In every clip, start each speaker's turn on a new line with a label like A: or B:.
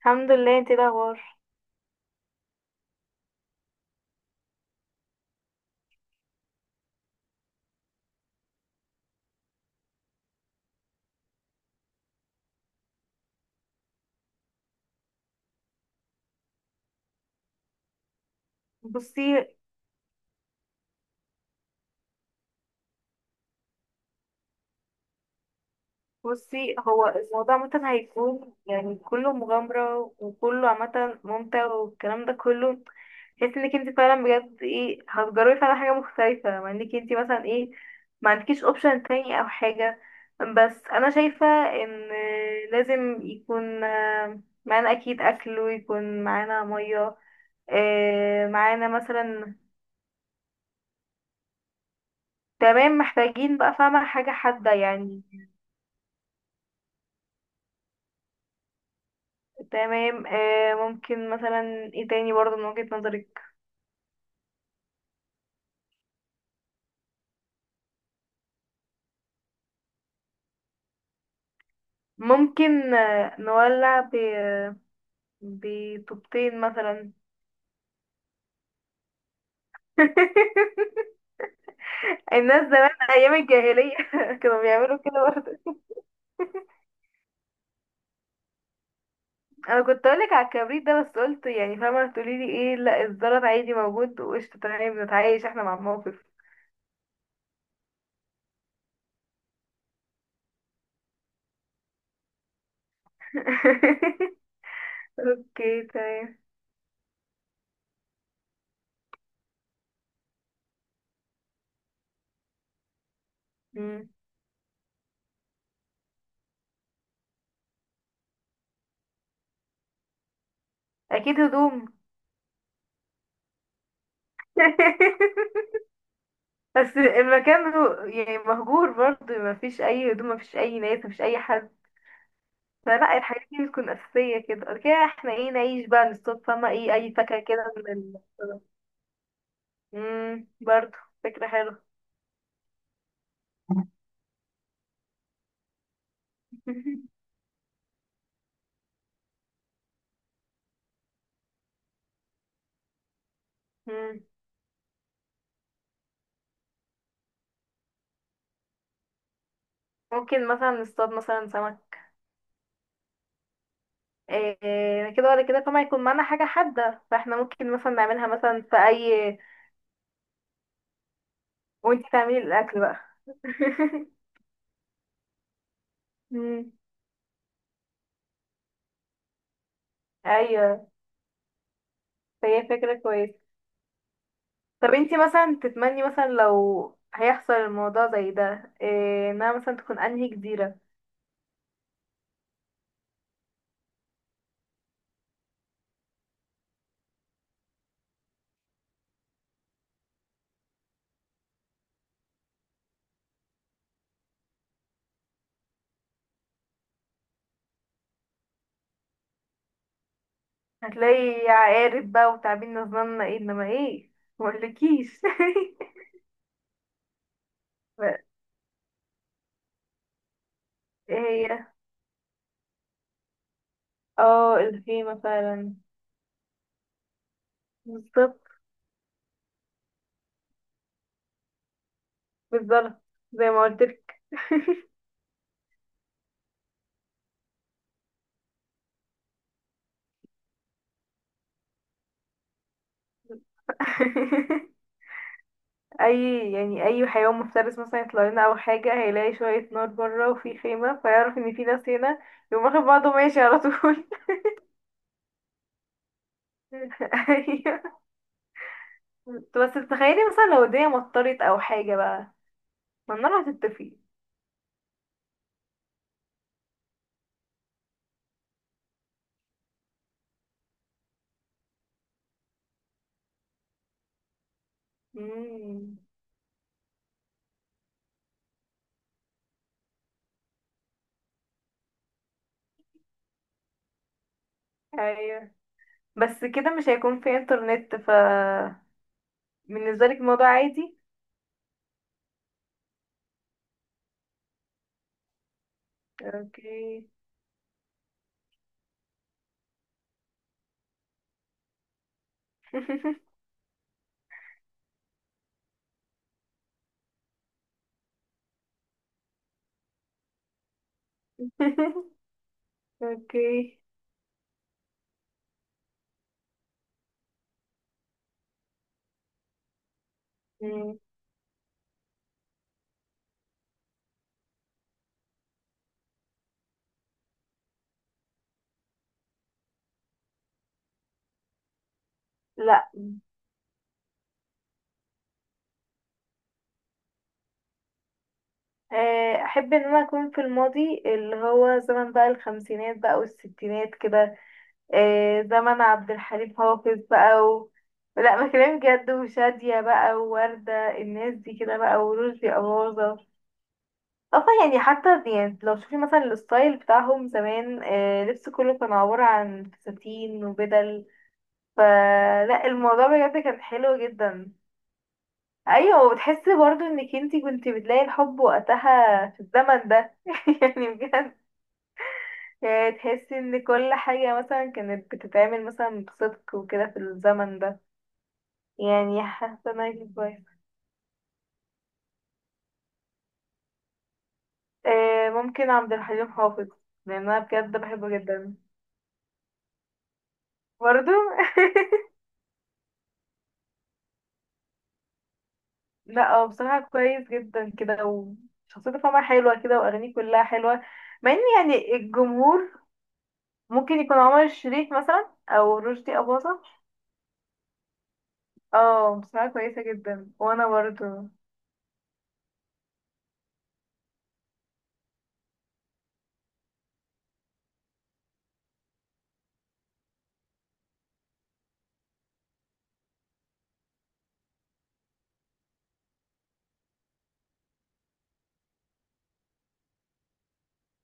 A: الحمد لله، انت ايه الاخبار؟ بصي بصي، هو الموضوع عامة هيكون يعني كله مغامرة وكله عامة ممتع والكلام ده كله. تحس انك انت فعلا بجد ايه هتجربي فعلا حاجة مختلفة مع انك انت مثلا ايه، ما عندكيش اوبشن تاني او حاجة. بس انا شايفة ان لازم يكون معانا اكيد اكل ويكون معانا مية، معانا مثلا. تمام، محتاجين بقى فاهمة حاجة حادة يعني. تمام، ممكن مثلا. ايه تاني برضه من وجهة نظرك؟ ممكن نولع ب بطوبتين مثلا. الناس زمان ايام الجاهلية كانوا بيعملوا كده برضه. انا كنت اقولك على الكبريت ده بس قلت يعني فاهمة تقولي لي ايه، لا الزلط عادي موجود وقشطة، تمام بنتعايش احنا مع الموقف. اوكي تمام. مم. اكيد هدوم. بس المكان يعني مهجور برضه، ما فيش اي هدوم، ما فيش اي ناس، ما فيش اي حد. فلا الحاجات دي بتكون اساسيه كده، بعد كده احنا ايه نعيش بقى، نصطاد، فما ايه اي فاكهه كده برضه، فكره حلوه. مم. ممكن مثلا نصطاد مثلا سمك. إيه، كده ولا كده، طبعا يكون معانا حاجه حاده، فاحنا ممكن مثلا نعملها مثلا في اي. وانتي تعملي الاكل بقى. مم. ايوه، فهي فكره كويسه. طب انتي مثلا تتمني مثلا لو هيحصل الموضوع زي ده إيه، انها مثلا تكون انهي جزيرة؟ هتلاقي عقارب بقى وتعابين، نظامنا ايه انما ايه، مقولكيش. ايه هي، اه الخيمة فعلا، بالظبط، بالظبط زي ما قلتلك. اي يعني اي حيوان مفترس مثلا يطلع لنا او حاجة، هيلاقي شوية نار بره وفي خيمة، فيعرف ان في ناس هنا، يقوم واخد بعضه ماشي على طول. ايوه، انت بس تخيلي مثلا لو الدنيا مطرت او حاجة بقى، ما النار هتطفي. مم. ايوه. بس كده مش هيكون في انترنت، ف بالنسبة لك الموضوع عادي. اوكي. اوكي. مم. لا، احب ان انا اكون في الماضي، اللي هو زمن بقى الخمسينات بقى والستينات كده، زمن عبد الحليم حافظ بقى لا، ما كلام جد، وشادية بقى، ووردة، الناس دي كده بقى، ورشدي أباظة. اصلا يعني حتى يعني لو شوفي مثلا الستايل بتاعهم زمان، لبس كله كان عبارة عن فساتين وبدل، فلا الموضوع بجد كان حلو جدا. ايوه، وبتحسي برضو انك انتي كنتي بتلاقي الحب وقتها في الزمن ده، يعني بجد، يعني تحسي ان كل حاجة مثلا كانت بتتعمل مثلا بصدق وكده في الزمن ده. يعني حاسة إن أنا كويس، ممكن عبد الحليم حافظ، لان انا بجد بحبه جدا برضو. لا، هو بصراحة كويس جدا كده، وشخصيته فما حلوة كده، وأغانيه كلها حلوة، مع إن يعني الجمهور. ممكن يكون عمر الشريف مثلا أو رشدي أباظة. اه، بصراحة كويسة جدا، وأنا برضو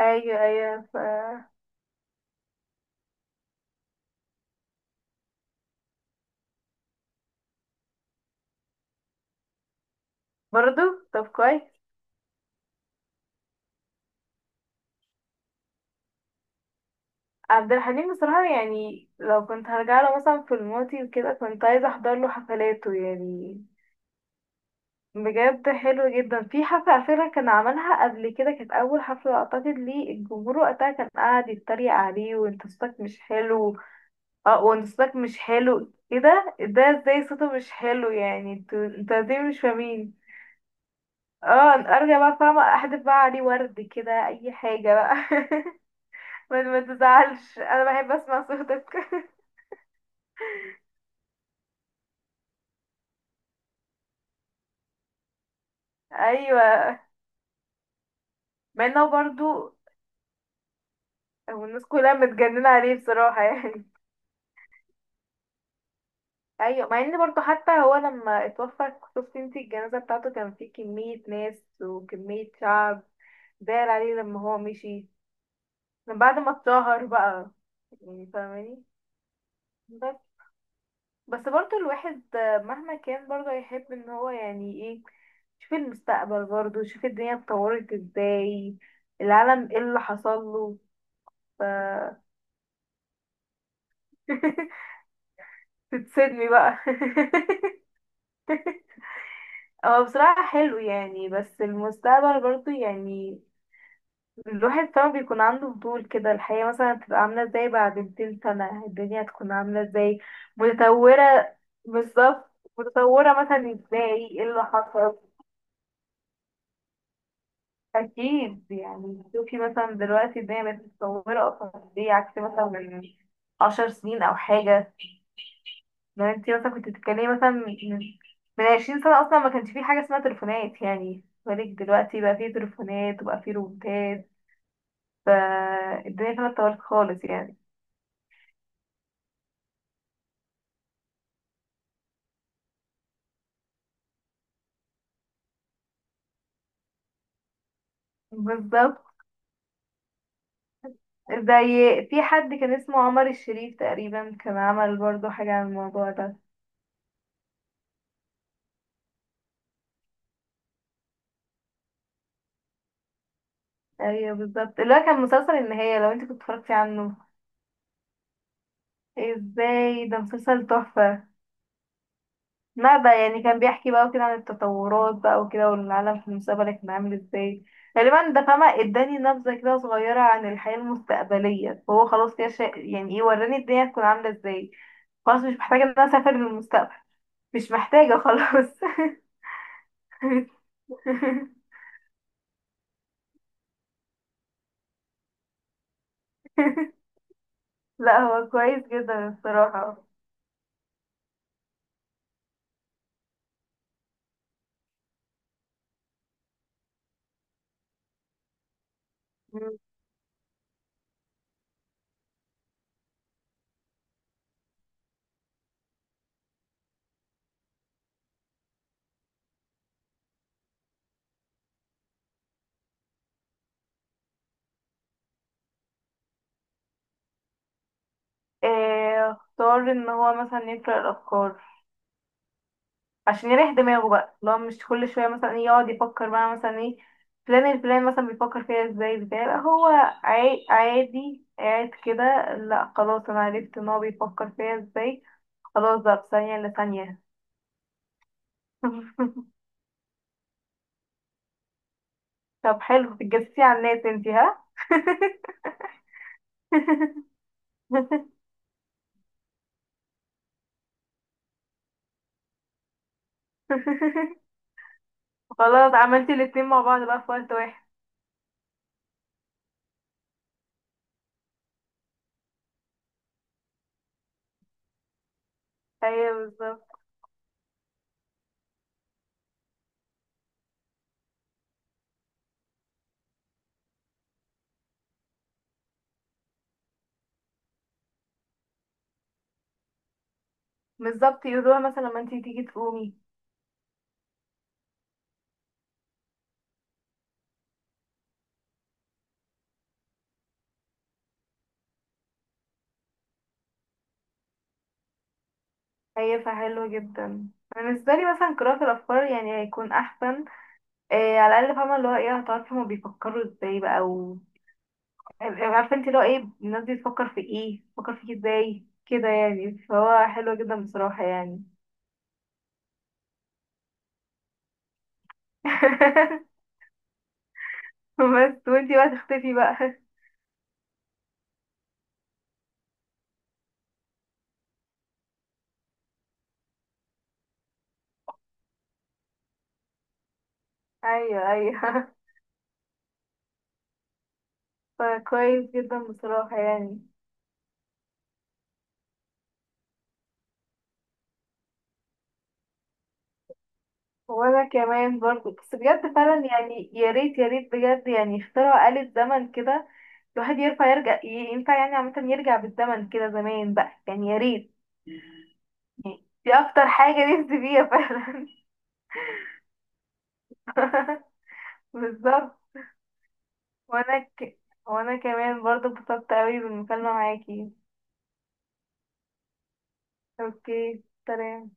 A: أيوة أيوة ف برضو. طب كويس. عبد الحليم بصراحة، يعني لو كنت هرجع له مثلا في الماضي وكده، كنت عايزة أحضر له حفلاته يعني. بجد حلو جدا. في حفلة على فكرة كان عملها قبل كده، كانت أول حفلة أعتقد ليه، الجمهور وقتها كان قاعد يتريق عليه، وانت صوتك مش حلو. اه، وانت صوتك مش حلو، ايه ده ازاي صوته مش حلو، يعني انتوا ازاي مش فاهمين. اه ارجع بقى، فاهمة احدف بقى عليه ورد كده اي حاجة بقى. ما ما تزعلش، انا بحب اسمع صوتك. ايوه، مع انه برضو والناس كلها متجننة عليه بصراحة يعني. ايوه، مع ان برضو حتى هو لما اتوفى، شفتي انتي الجنازة بتاعته، كان فيه كمية ناس وكمية شعب داير عليه لما هو مشي، من بعد ما اتشهر بقى، يعني فاهماني. بس، بس برضو الواحد مهما كان برضو يحب ان هو يعني ايه، شوف المستقبل برضو، شوف الدنيا اتطورت ازاي، العالم ايه اللي حصل له. ف تتصدمي بقى. هو بصراحة حلو يعني، بس المستقبل برضو يعني الواحد طبعا بيكون عنده فضول كده، الحياة مثلا هتبقى عاملة ازاي بعد 200 سنة، الدنيا هتكون عاملة ازاي، متطورة. بالظبط، متطورة مثلا ازاي، ايه اللي حصل. أكيد، يعني شوفي مثلا دلوقتي الدنيا بقت متطورة أصلا ازاي عكس مثلا من 10 سنين أو حاجة. لو انتي مثلا كنت بتتكلمي مثلا من 20 سنة، أصلا ما كانش في حاجة اسمها تليفونات، يعني بالك دلوقتي بقى في تليفونات وبقى في روبوتات، فالدنيا كانت اتطورت خالص يعني. بالظبط. زي في حد كان اسمه عمر الشريف تقريبا، كان عمل برضو حاجة عن الموضوع ده. ايوه بالظبط، اللي هو كان مسلسل النهاية، لو انت كنت اتفرجتي عنه. ازاي، ده مسلسل تحفة، ما بقى يعني كان بيحكي بقى وكده عن التطورات بقى وكده، والعالم في المستقبل كان عامل ازاي. غالبا ده فاهمة، اداني نبذة كده صغيرة عن الحياة المستقبليه، فهو خلاص كده يعني ايه وراني الدنيا هتكون عاملة ازاي، خلاص مش محتاجة ان انا اسافر للمستقبل، مش محتاجة خلاص. لا هو كويس جدا الصراحة. مم. إيه، اختار ان هو مثلا يقرأ الافكار، عشان يريح دماغه بقى لو مش كل شوية مثلا إيه يقعد يفكر بقى مثلا ايه، فلان الفلان مثلا بيفكر فيها ازاي بتاع، لا هو عادي قاعد كده، لا خلاص انا عرفت ان هو بيفكر فيها ازاي، خلاص بقى في ثانية الا ثانية. طب حلو، بتجسسي على الناس انتي، ها. خلاص عملتي الاتنين مع بعض بقى في وقت واحد. ايوه بالظبط. بالظبط، يقولوها مثلا لما انتي تيجي تقومي. هي فحلو جدا. أنا بالنسبة لي مثلا قراءة الأفكار يعني هيكون أحسن. إيه، على الأقل فاهمة اللي هو ايه هتعرفي هما بيفكروا ازاي بقى، و عارفة انتي اللي هو ايه الناس دي بتفكر في ايه، بتفكر فيكي ازاي كده، يعني فهو حلو جدا بصراحة يعني. بس وانتي بقى تختفي بقى. أيوه أيوه، فكويس جدا بصراحة يعني. وانا كمان برضو، بس بجد فعلا، يعني يا ريت يا ريت بجد يعني اخترعوا آلة زمن كده، الواحد ينفع يرجع، ينفع يعني عامة يرجع بالزمن كده زمان بقى، يعني يا ريت يعني، دي أكتر حاجة نفسي فيها فعلا. بالظبط. وأنا وأنا كمان برضه اتبسطت أوي بالمكالمة معاكي. أوكي، سلام.